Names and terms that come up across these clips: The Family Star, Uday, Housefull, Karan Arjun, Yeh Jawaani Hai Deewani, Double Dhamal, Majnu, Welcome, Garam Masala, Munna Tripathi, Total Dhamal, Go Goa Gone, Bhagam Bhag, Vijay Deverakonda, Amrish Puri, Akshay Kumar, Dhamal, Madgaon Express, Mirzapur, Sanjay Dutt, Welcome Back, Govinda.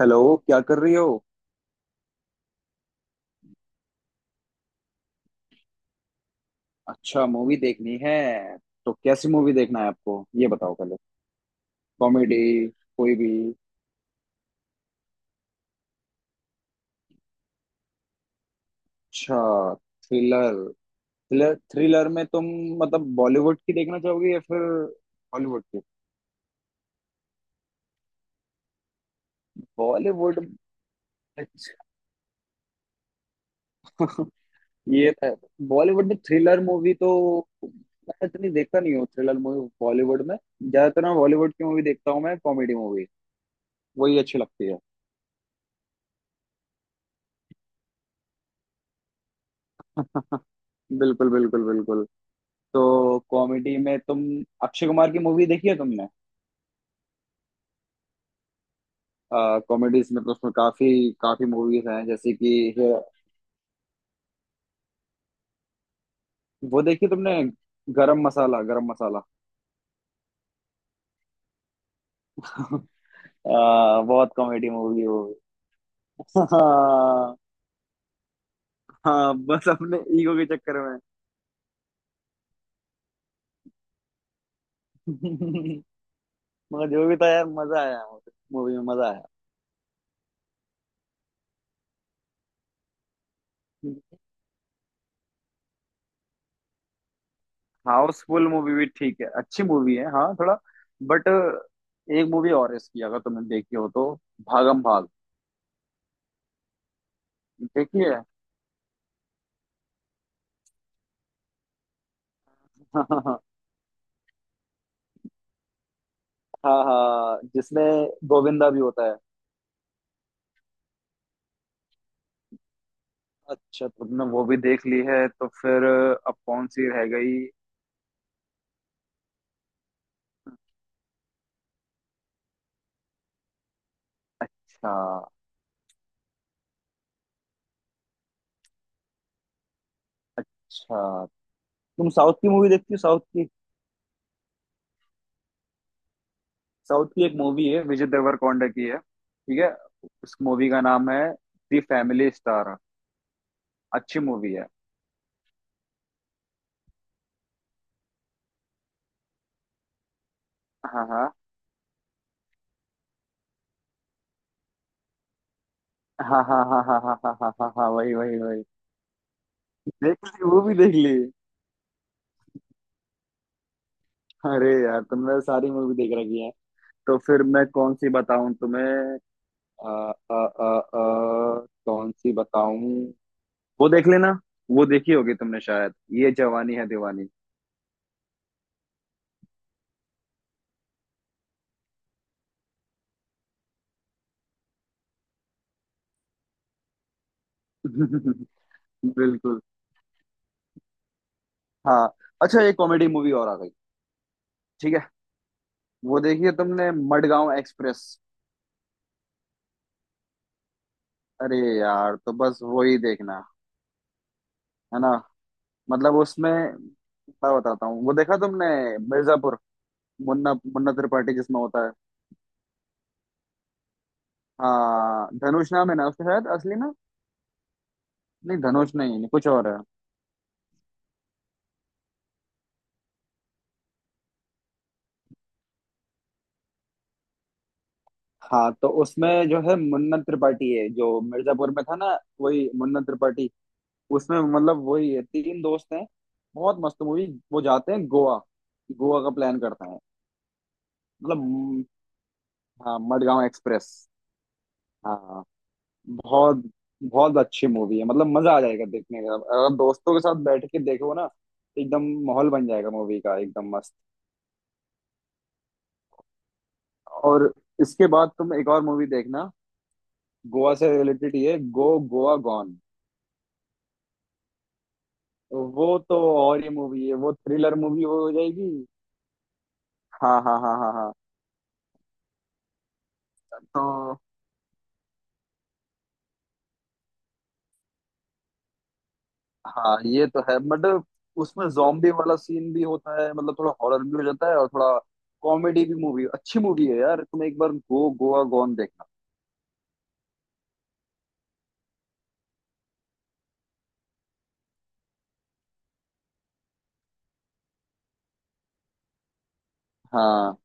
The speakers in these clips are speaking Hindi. हेलो, क्या कर रही हो। अच्छा, मूवी देखनी है। तो कैसी मूवी देखना है आपको। ये बताओ पहले। कॉमेडी। कोई भी। अच्छा। थ्रिलर। थ्रिलर में तुम मतलब बॉलीवुड की देखना चाहोगे या फिर हॉलीवुड की। बॉलीवुड। अच्छा। ये तो है। बॉलीवुड में थ्रिलर मूवी तो मैं इतनी देखता नहीं हूँ, थ्रिलर मूवी बॉलीवुड में। ज्यादातर मैं बॉलीवुड की मूवी देखता हूँ, मैं कॉमेडी मूवी वही अच्छी लगती है। बिल्कुल, बिल्कुल, बिल्कुल। तो कॉमेडी में तुम अक्षय कुमार की मूवी देखी है तुमने। कॉमेडीज में तो उसमें काफी काफी मूवीज हैं जैसे कि वो देखी तुमने, गरम मसाला, गरम मसाला। बहुत कॉमेडी मूवी है वो। हाँ। हाँ, बस अपने ईगो के चक्कर में। मगर जो भी था यार, मजा आया, मूवी में मजा आया। हाउसफुल मूवी भी ठीक है, अच्छी मूवी है हाँ, थोड़ा बट एक मूवी और है इसकी, अगर तुमने देखी हो तो, भागम भाग। देखिए। हाँ, हाँ, जिसमें गोविंदा भी होता है। अच्छा, तुमने वो भी देख ली है तो फिर अब कौन सी रह गई। अच्छा। अच्छा। तुम साउथ की मूवी देखती हो, साउथ की। साउथ की एक मूवी है, विजय देवरकोंडा की है, ठीक है। उस मूवी का नाम है दी फैमिली स्टार। अच्छी मूवी है। हाँ, हाँ, हाँ, हाँ, हाँ, हाँ, हाँ, हाँ, हाँ, हाँ, हाँ, वही, वही, वही। देख ली, वो भी देख ली। अरे यार, तुमने सारी मूवी देख रखी है। तो फिर मैं कौन सी बताऊं तुम्हें। अ, अ, अ, कौन सी बताऊं। वो देख लेना। वो देखी होगी तुमने शायद, ये जवानी है दीवानी। बिल्कुल। हाँ। अच्छा, एक कॉमेडी मूवी और आ गई। ठीक है। वो देखी है तुमने, मडगांव एक्सप्रेस। अरे यार, तो बस वो ही देखना। है ना। मतलब उसमें मैं बताता हूँ, वो देखा तुमने, मिर्जापुर। मुन्ना मुन्ना त्रिपाठी जिसमें होता है। हाँ, धनुष नाम है ना उसका शायद असली, ना। नहीं, धनुष नहीं, कुछ और है। हाँ, तो उसमें जो है मुन्ना त्रिपाठी है जो मिर्जापुर में था ना, वही मुन्ना त्रिपाठी। उसमें मतलब वही है, तीन दोस्त हैं, बहुत मस्त मूवी। वो जाते हैं गोवा, गोवा का प्लान करते हैं। मतलब हाँ, मडगांव एक्सप्रेस। हाँ। बहुत बहुत अच्छी मूवी है, मतलब मजा आ जाएगा देखने का, अगर दोस्तों के साथ बैठ के देखो ना, एकदम माहौल बन जाएगा मूवी का एकदम मस्त। और इसके बाद तुम एक और मूवी देखना, गोवा से रिलेटेड, ये गो, गोवा गॉन। वो तो और ही मूवी है, वो थ्रिलर मूवी हो जाएगी। हाँ, हाँ, हाँ, हाँ, हाँ। तो हाँ, ये तो है बट उसमें जॉम्बी वाला सीन भी होता है, मतलब थोड़ा हॉरर भी हो जाता है और थोड़ा कॉमेडी भी, मूवी अच्छी मूवी है यार, तुम एक बार गो गोवा गॉन देखना। हाँ,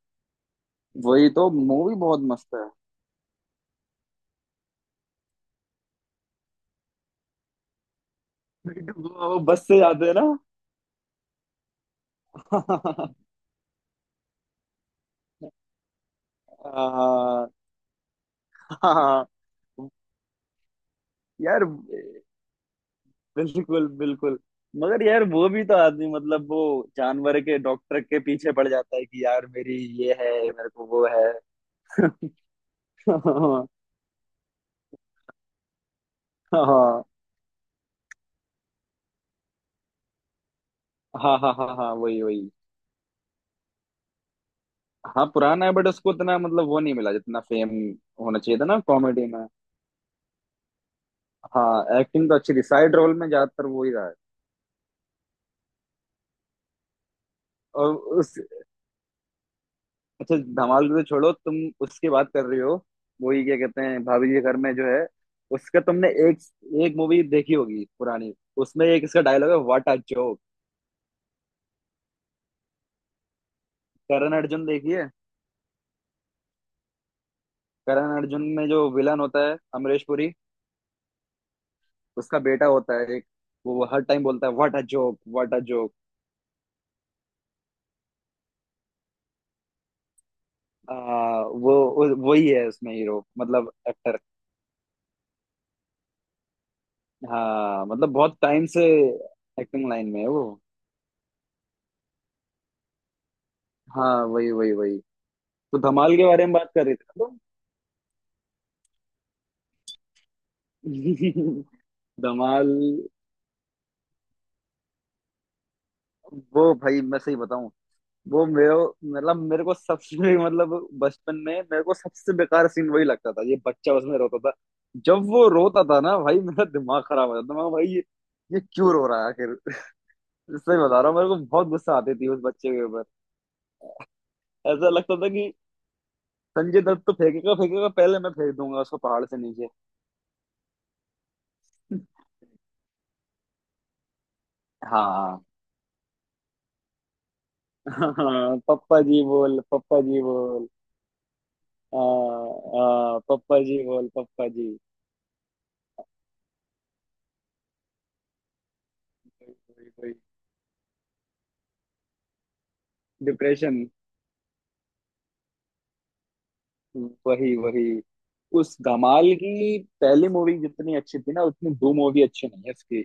वही तो मूवी बहुत मस्त है। वो बस से जाते हैं ना। हाँ। हाँ, हाँ, यार, बिल्कुल, बिल्कुल। मगर यार वो भी तो आदमी, मतलब वो जानवर के डॉक्टर के पीछे पड़ जाता है कि यार मेरी, ये है, मेरे को वो है। हाँ, हाँ, हाँ, हाँ, हाँ, वही, वही। हाँ, पुराना है बट उसको उतना मतलब वो नहीं मिला जितना फेम होना चाहिए था ना कॉमेडी में। हाँ, एक्टिंग तो अच्छी थी, साइड रोल में ज्यादातर वो ही रहा है। और उस, अच्छा, धमाल तो छोड़ो तुम, उसकी बात कर रही हो। वही, क्या कहते हैं, भाभी के घर में जो है, उसका तुमने एक एक मूवी देखी होगी पुरानी। उसमें एक इसका डायलॉग है, what a joke. Karan Arjun, देखिए। करण अर्जुन में जो विलन होता है अमरीश पुरी, उसका बेटा होता है एक, वो हर टाइम बोलता है, what a joke, what a joke. वही है उसमें हीरो मतलब एक्टर। हाँ, मतलब बहुत टाइम से एक्टिंग लाइन में है वो। हाँ, वही, वही, वही। तो धमाल के बारे में बात कर रही थी ना। तुम धमाल, वो भाई मैं सही बताऊं, वो मेरे, मतलब मेरे को सबसे मतलब बचपन में मेरे को सबसे बेकार सीन वही लगता था, ये बच्चा उसमें रोता था। जब वो रोता था ना भाई, मेरा दिमाग खराब हो जाता था, मैं भाई, ये क्यों रो रहा है आखिर। सही बता रहा हूँ, मेरे को बहुत गुस्सा आती थी उस बच्चे के ऊपर। ऐसा लगता था कि संजय दत्त तो फेंकेगा फेंकेगा, पहले मैं फेंक दूंगा उसको पहाड़ से नीचे। हाँ। हाँ, पप्पा जी बोल, पप्पा जी बोल। हाँ, हाँ, पप्पा जी बोल, पप्पा जी। डिप्रेशन, वही, वही। उस धमाल की पहली मूवी जितनी अच्छी थी ना, उतनी दो मूवी अच्छी नहीं है उसकी।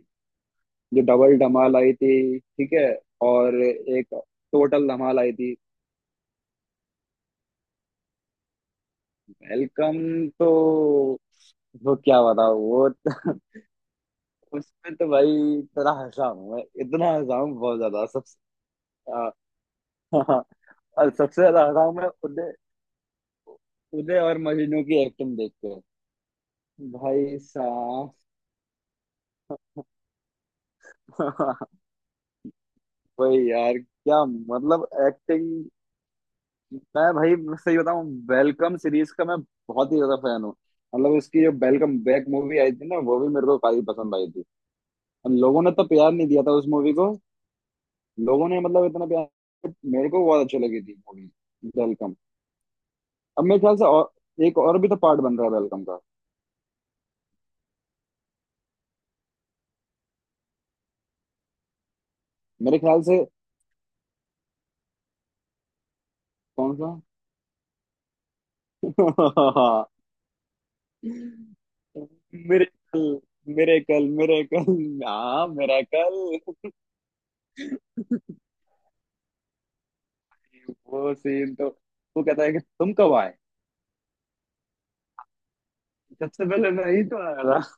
जो डबल धमाल आई थी, ठीक है, और एक टोटल धमाल आई थी। वेलकम, तो वो क्या बताओ वो। उसमें तो भाई इतना हंसा हूं मैं, इतना हंसा हूं, बहुत ज्यादा, सबसे आ, और सबसे ज्यादा हंसा हूं मैं उदय, उदय और मजनू की एक्टिंग देख के। भाई साहब। वही यार, क्या मतलब एक्टिंग। मैं भाई, मैं सही बताऊं, वेलकम सीरीज का मैं बहुत ही ज्यादा फैन हूँ। मतलब उसकी जो वेलकम बैक मूवी आई थी ना, वो भी मेरे को काफी पसंद आई थी, और लोगों ने तो प्यार नहीं दिया था उस मूवी को। लोगों ने, मतलब इतना प्यार, मेरे को बहुत अच्छी लगी थी मूवी, वेलकम। अब मेरे ख्याल से, और एक और भी तो पार्ट बन रहा है वेलकम का, मेरे ख्याल से, कौन सा। मेरे कल, मेरे कल, मेरे कल, हाँ, मेरा कल। वो सीन तो, वो कहता है कि तुम कब आए, सबसे पहले मैं ही तो आया था।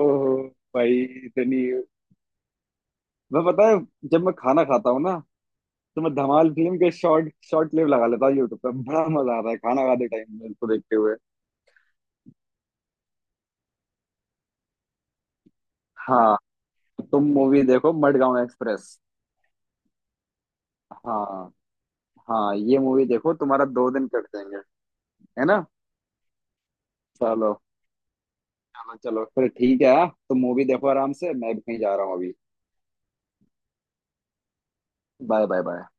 ओहो भाई, इतनी, मैं पता है जब मैं खाना खाता हूँ ना, तो मैं धमाल फिल्म के शॉर्ट शॉर्ट क्लिप लगा लेता हूँ यूट्यूब पे, बड़ा मजा आता है खाना खाते टाइम में इसको देखते हुए। हाँ, तुम मूवी देखो मडगांव एक्सप्रेस। हाँ, हाँ, ये मूवी देखो, तुम्हारा 2 दिन कट जाएंगे। है ना। चलो। चलो, चलो फिर, ठीक है हाँ? तुम मूवी देखो आराम से, मैं भी कहीं जा रहा हूँ अभी। Bye, bye, bye.